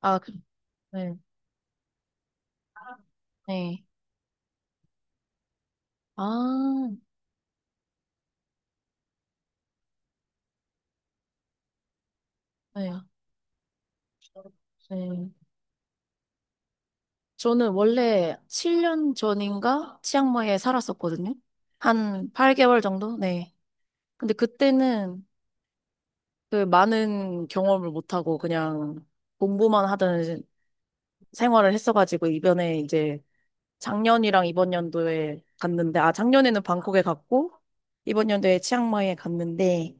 아, 네. 네. 아, 네. 네. 저는 원래 7년 전인가 치앙마이에 살았었거든요. 한 8개월 정도? 네. 근데 그때는 그 많은 경험을 못하고 그냥 공부만 하던 생활을 했어가지고 이번에 이제 작년이랑 이번 연도에 갔는데, 아, 작년에는 방콕에 갔고, 이번 연도에 치앙마이에 갔는데,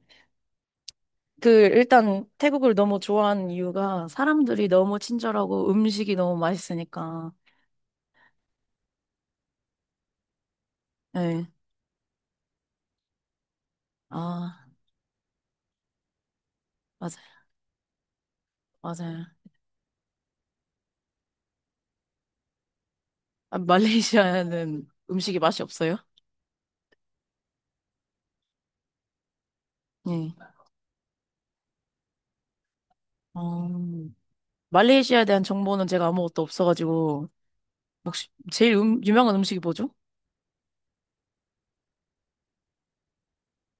그 일단 태국을 너무 좋아하는 이유가 사람들이 너무 친절하고 음식이 너무 맛있으니까. 네. 아, 맞아요. 맞아요. 아, 말레이시아는 음식이 맛이 없어요? 네. 어, 말레이시아에 대한 정보는 제가 아무것도 없어가지고 혹시 제일 유명한 음식이 뭐죠?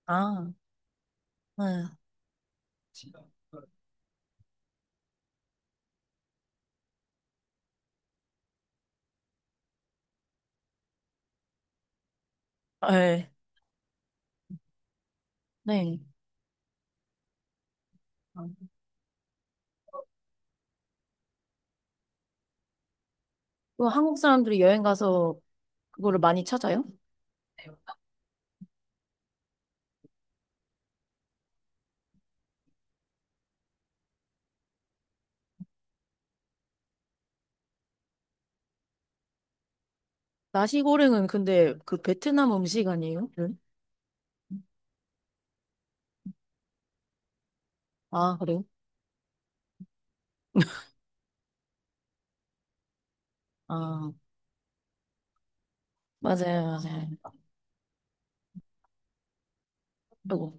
아, 네. 아, 네. 네. 아, 그 한국 사람들이 여행 가서 그거를 많이 찾아요? 나시고랭은 근데 그 베트남 음식 아니에요? 네. 아, 그래요? 아. 맞아요, 맞아요. 그리고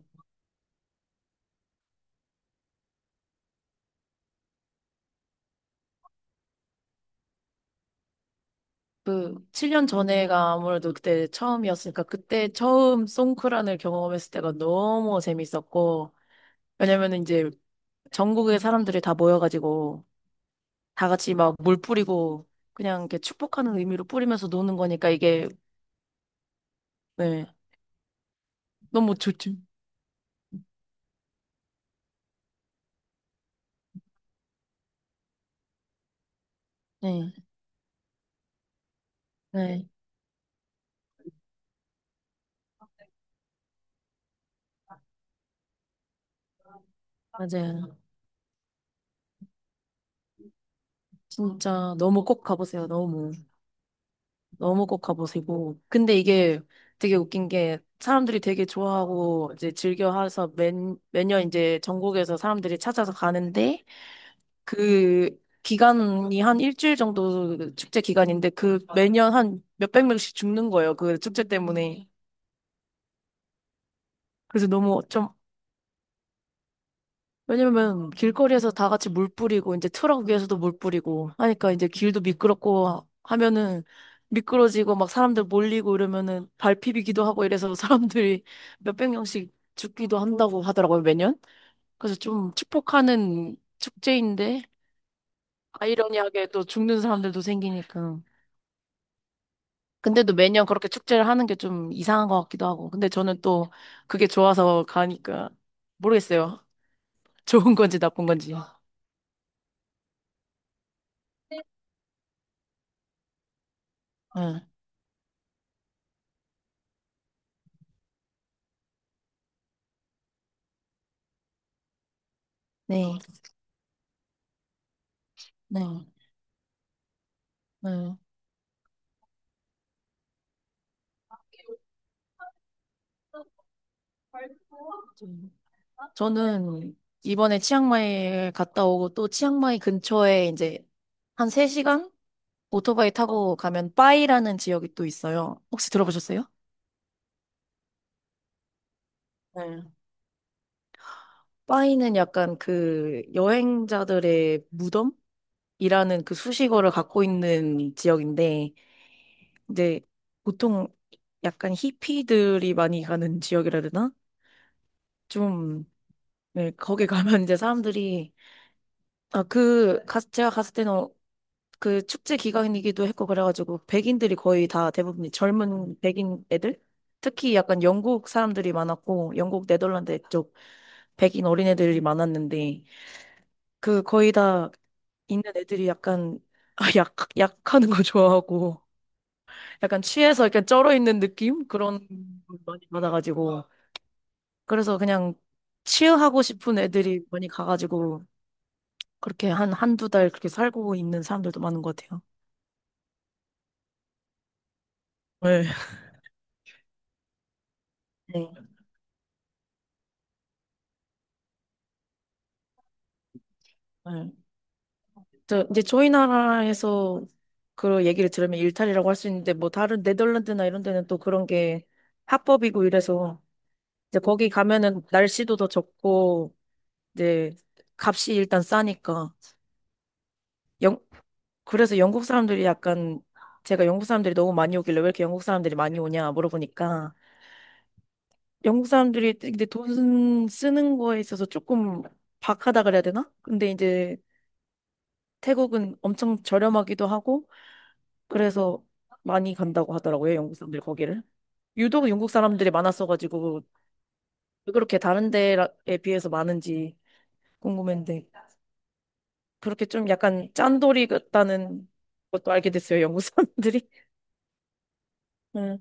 그 7년 전에가 아무래도 그때 처음이었으니까 그때 처음 송크란을 경험했을 때가 너무 재밌었고 왜냐면은 이제 전국의 사람들이 다 모여가지고 다 같이 막 물 뿌리고 그냥 이렇게 축복하는 의미로 뿌리면서 노는 거니까 이게, 네, 너무 좋죠. 네, 네, 맞아요. 진짜 너무 꼭 가보세요. 너무. 너무 꼭 가보시고. 근데 이게 되게 웃긴 게 사람들이 되게 좋아하고 이제 즐겨 해서 매년 이제 전국에서 사람들이 찾아서 가는데 그 기간이 한 일주일 정도 축제 기간인데 그 매년 한 몇백 명씩 죽는 거예요. 그 축제 때문에. 그래서 너무 좀. 왜냐면 길거리에서 다 같이 물 뿌리고 이제 트럭 위에서도 물 뿌리고 하니까 이제 길도 미끄럽고 하면은 미끄러지고 막 사람들 몰리고 이러면은 발 피비기도 하고 이래서 사람들이 몇백 명씩 죽기도 한다고 하더라고요, 매년. 그래서 좀 축복하는 축제인데 아이러니하게 또 죽는 사람들도 생기니까. 근데도 매년 그렇게 축제를 하는 게 좀 이상한 것 같기도 하고. 근데 저는 또 그게 좋아서 가니까 모르겠어요. 좋은 건지 나쁜 건지. 응. 네. 네. 네. 좀. 저는 이번에 치앙마이에 갔다 오고 또 치앙마이 근처에 이제 한 3시간 오토바이 타고 가면 빠이라는 지역이 또 있어요. 혹시 들어보셨어요? 네. 빠이는 약간 그 여행자들의 무덤이라는 그 수식어를 갖고 있는 지역인데 이제 보통 약간 히피들이 많이 가는 지역이라 해야 되나? 좀. 네, 거기 가면 이제 사람들이 아, 제가 갔을 때는 그 축제 기간이기도 했고 그래가지고 백인들이 거의 다 대부분 젊은 백인 애들 특히 약간 영국 사람들이 많았고 영국 네덜란드 쪽 백인 어린애들이 많았는데 그 거의 다 있는 애들이 약간 아, 약 약하는 거 좋아하고 약간 취해서 약간 쩔어 있는 느낌 그런 걸 많이 받아가지고 그래서 그냥 치유하고 싶은 애들이 많이 가가지고 그렇게 한 한두 달 그렇게 살고 있는 사람들도 많은 것 같아요. 네. 네. 네. 저 이제 저희 나라에서 그 얘기를 들으면 일탈이라고 할 수 있는데 뭐 다른 네덜란드나 이런 데는 또 그런 게 합법이고 이래서 이제 거기 가면은 날씨도 더 좋고 이제 값이 일단 싸니까 영 그래서 영국 사람들이 약간 제가 영국 사람들이 너무 많이 오길래 왜 이렇게 영국 사람들이 많이 오냐 물어보니까 영국 사람들이 근데 돈 쓰는 거에 있어서 조금 박하다 그래야 되나? 근데 이제 태국은 엄청 저렴하기도 하고 그래서 많이 간다고 하더라고요, 영국 사람들이 거기를. 유독 영국 사람들이 많았어가지고, 왜 그렇게 다른 데에 비해서 많은지 궁금했는데, 그렇게 좀 약간 짠돌이 같다는 것도 알게 됐어요, 영국 사람들이. 네,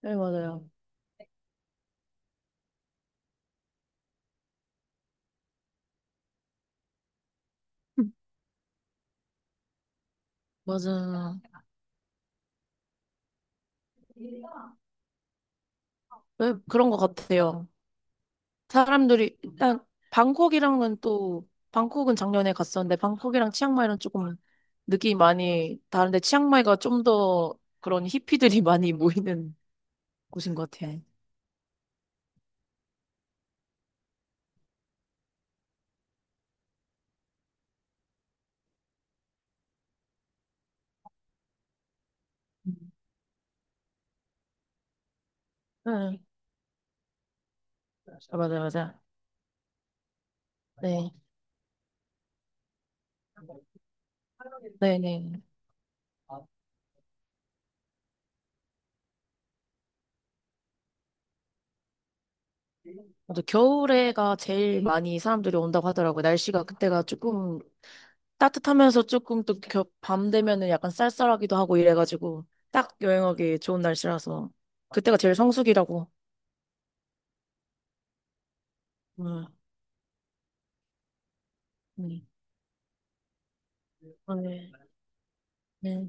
네, 맞아요. 맞아요. 네, 그런 것 같아요. 사람들이, 일단, 방콕이랑은 또, 방콕은 작년에 갔었는데, 방콕이랑 치앙마이랑 조금 느낌이 많이 다른데, 치앙마이가 좀 더 그런 히피들이 많이 모이는 곳인 것 같아요. 응. 아, 맞아, 맞아. 네. 네네. 맞아. 겨울에가 제일 많이 사람들이 온다고 하더라고요. 날씨가 그때가 조금 따뜻하면서 조금 또 밤 되면은 약간 쌀쌀하기도 하고 이래가지고 딱 여행하기 좋은 날씨라서 그때가 제일 성수기라고. 응. 네. 네. 네.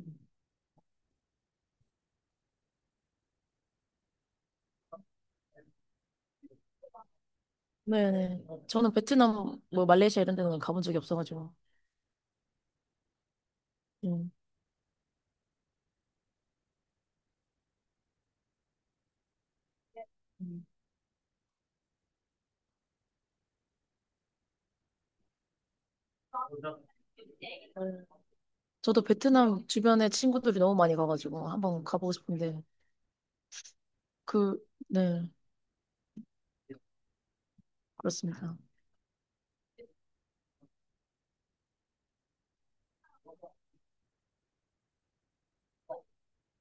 네. 네. 저는 베트남, 뭐 말레이시아 이런 데는 가본 적이 없어가지고. 음. 음. 저도 베트남 주변에 친구들이 너무 많이 가가지고 한번 가보고 싶은데 그, 네. 그렇습니다.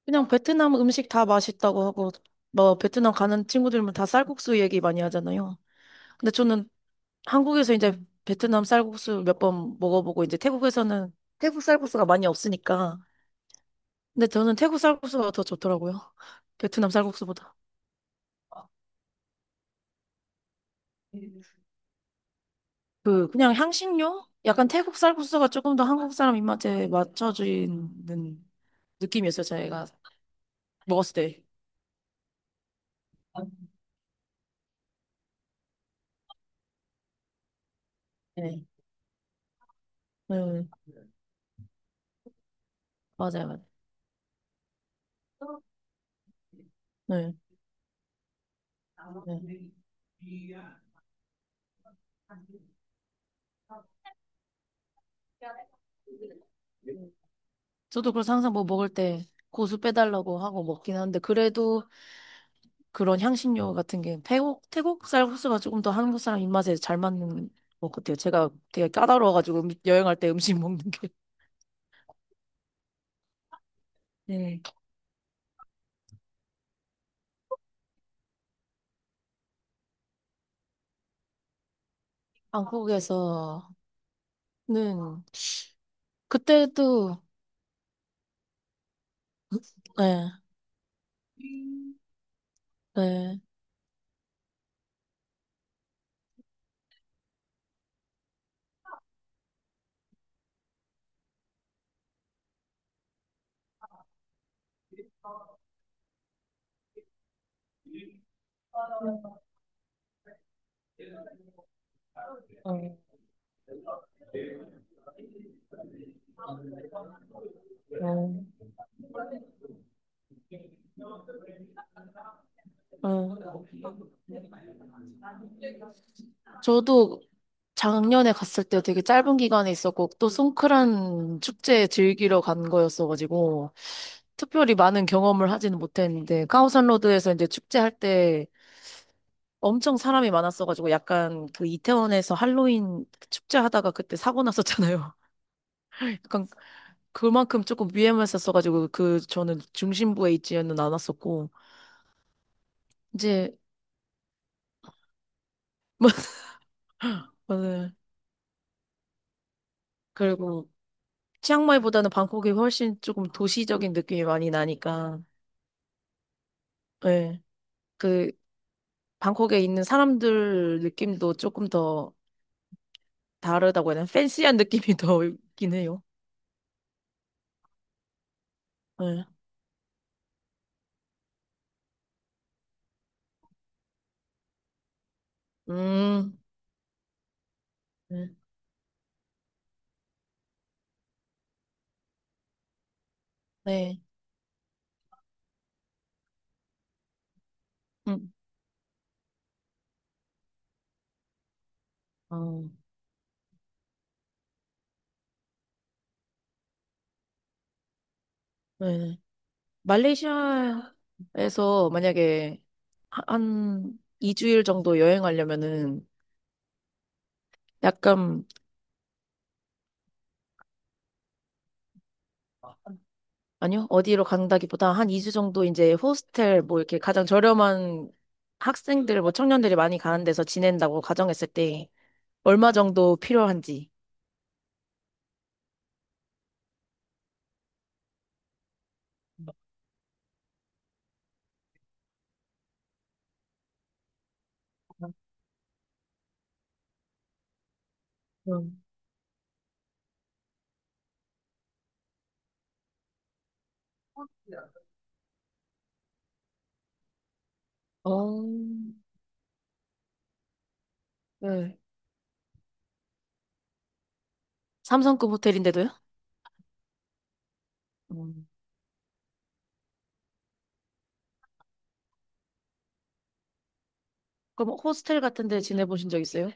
그냥 베트남 음식 다 맛있다고 하고, 뭐, 베트남 가는 친구들은 다 쌀국수 얘기 많이 하잖아요. 근데 저는 한국에서 이제 베트남 쌀국수 몇 번 먹어보고, 이제 태국에서는 태국 쌀국수가 많이 없으니까. 근데 저는 태국 쌀국수가 더 좋더라고요. 베트남 쌀국수보다. 그냥 향신료? 약간 태국 쌀국수가 조금 더 한국 사람 입맛에 맞춰지는 느낌이었어요, 제가 먹었을 때. 네. 네, 맞아요, 맞아요. 네. 네. 저도 그래서 항상 뭐 먹을 때 고수 빼달라고 하고 먹긴 하는데 그래도 그런 향신료 같은 게 태국 쌀 국수가 조금 더 한국 사람 입맛에 잘 맞는 것 같아요. 제가 되게 까다로워가지고 여행할 때 음식 먹는 게. 네. 한국에서는 그때도 네, 네, 어, 어. 어. 저도 작년에 갔을 때 되게 짧은 기간에 있었고 또 송크란 축제 즐기러 간 거였어가지고 특별히 많은 경험을 하지는 못했는데 카오산로드에서 이제 축제할 때 엄청 사람이 많았어가지고 약간 그 이태원에서 할로윈 축제하다가 그때 사고 났었잖아요. 약간 그만큼 조금 위험했었어가지고 그 저는 중심부에 있지는 않았었고 이제 저는 그리고 치앙마이보다는 방콕이 훨씬 조금 도시적인 느낌이 많이 나니까 예. 그 방콕에 있는 사람들 느낌도 조금 더 다르다고 해야 되나? 팬시한 느낌이 더 있긴 해요. 예. 음, 네. 네. 음. 어, 네. 말레이시아에서 만약에 한 2주일 정도 여행하려면은 약간, 아니요, 어디로 간다기보다 한 2주 정도 이제 호스텔 뭐 이렇게 가장 저렴한 학생들, 뭐 청년들이 많이 가는 데서 지낸다고 가정했을 때 얼마 정도 필요한지. 음. 어, 네. 삼성급 호텔인데도요? 음. 그럼 호스텔 같은 데 지내보신 적 있어요?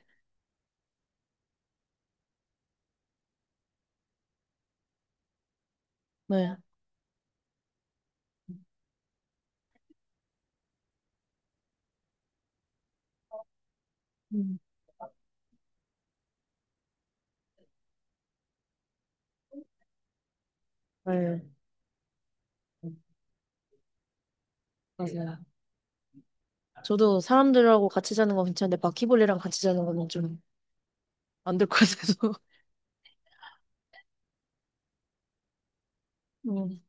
네. 음. 네. 맞아요. 저도 사람들하고 같이 자는 건 괜찮은데 바퀴벌레랑 같이 자는 건 좀 안 될 것 같아서. 음.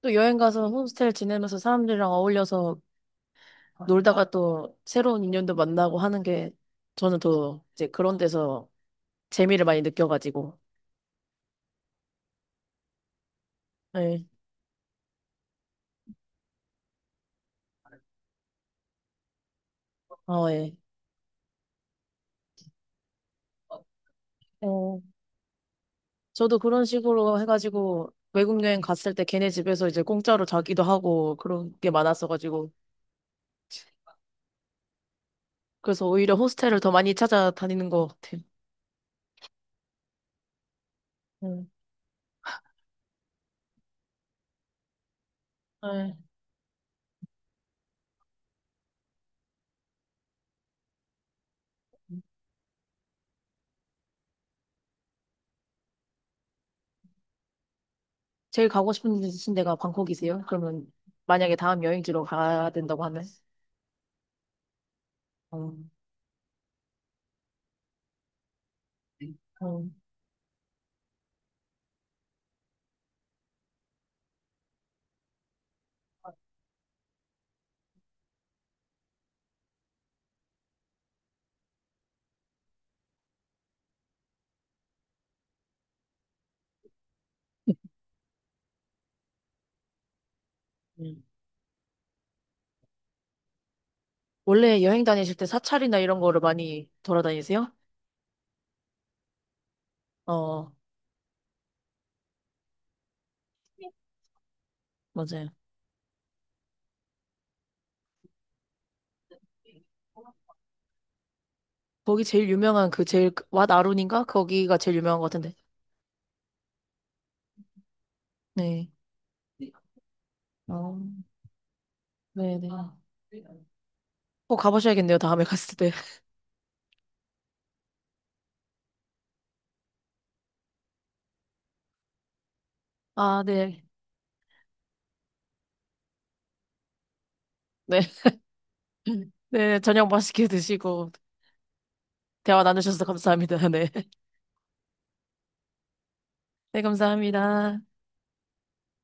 또 여행 가서 홈스테이 지내면서 사람들이랑 어울려서 놀다가 또 새로운 인연도 만나고 하는 게 저는 더 이제 그런 데서 재미를 많이 느껴가지고. 네. 어, 예. 어. 저도 그런 식으로 해가지고 외국 여행 갔을 때 걔네 집에서 이제 공짜로 자기도 하고 그런 게 많았어가지고 그래서 오히려 호스텔을 더 많이 찾아다니는 것 같아요. 음. 네. 제일 가고 싶으신 데가 방콕이세요? 그러면 만약에 다음 여행지로 가야 된다고 하면? 어, 어. 음. 원래 여행 다니실 때 사찰이나 이런 거를 많이 돌아다니세요? 어, 맞아요. 거기 제일 유명한 그 제일 왓 아룬인가? 거기가 제일 유명한 것 같은데. 네. 어, 네네. 꼭 가보셔야겠네요, 다음에 갔을 때. 아, 네. 네. 네, 저녁 맛있게 드시고, 대화 나누셔서 감사합니다. 네. 네, 감사합니다.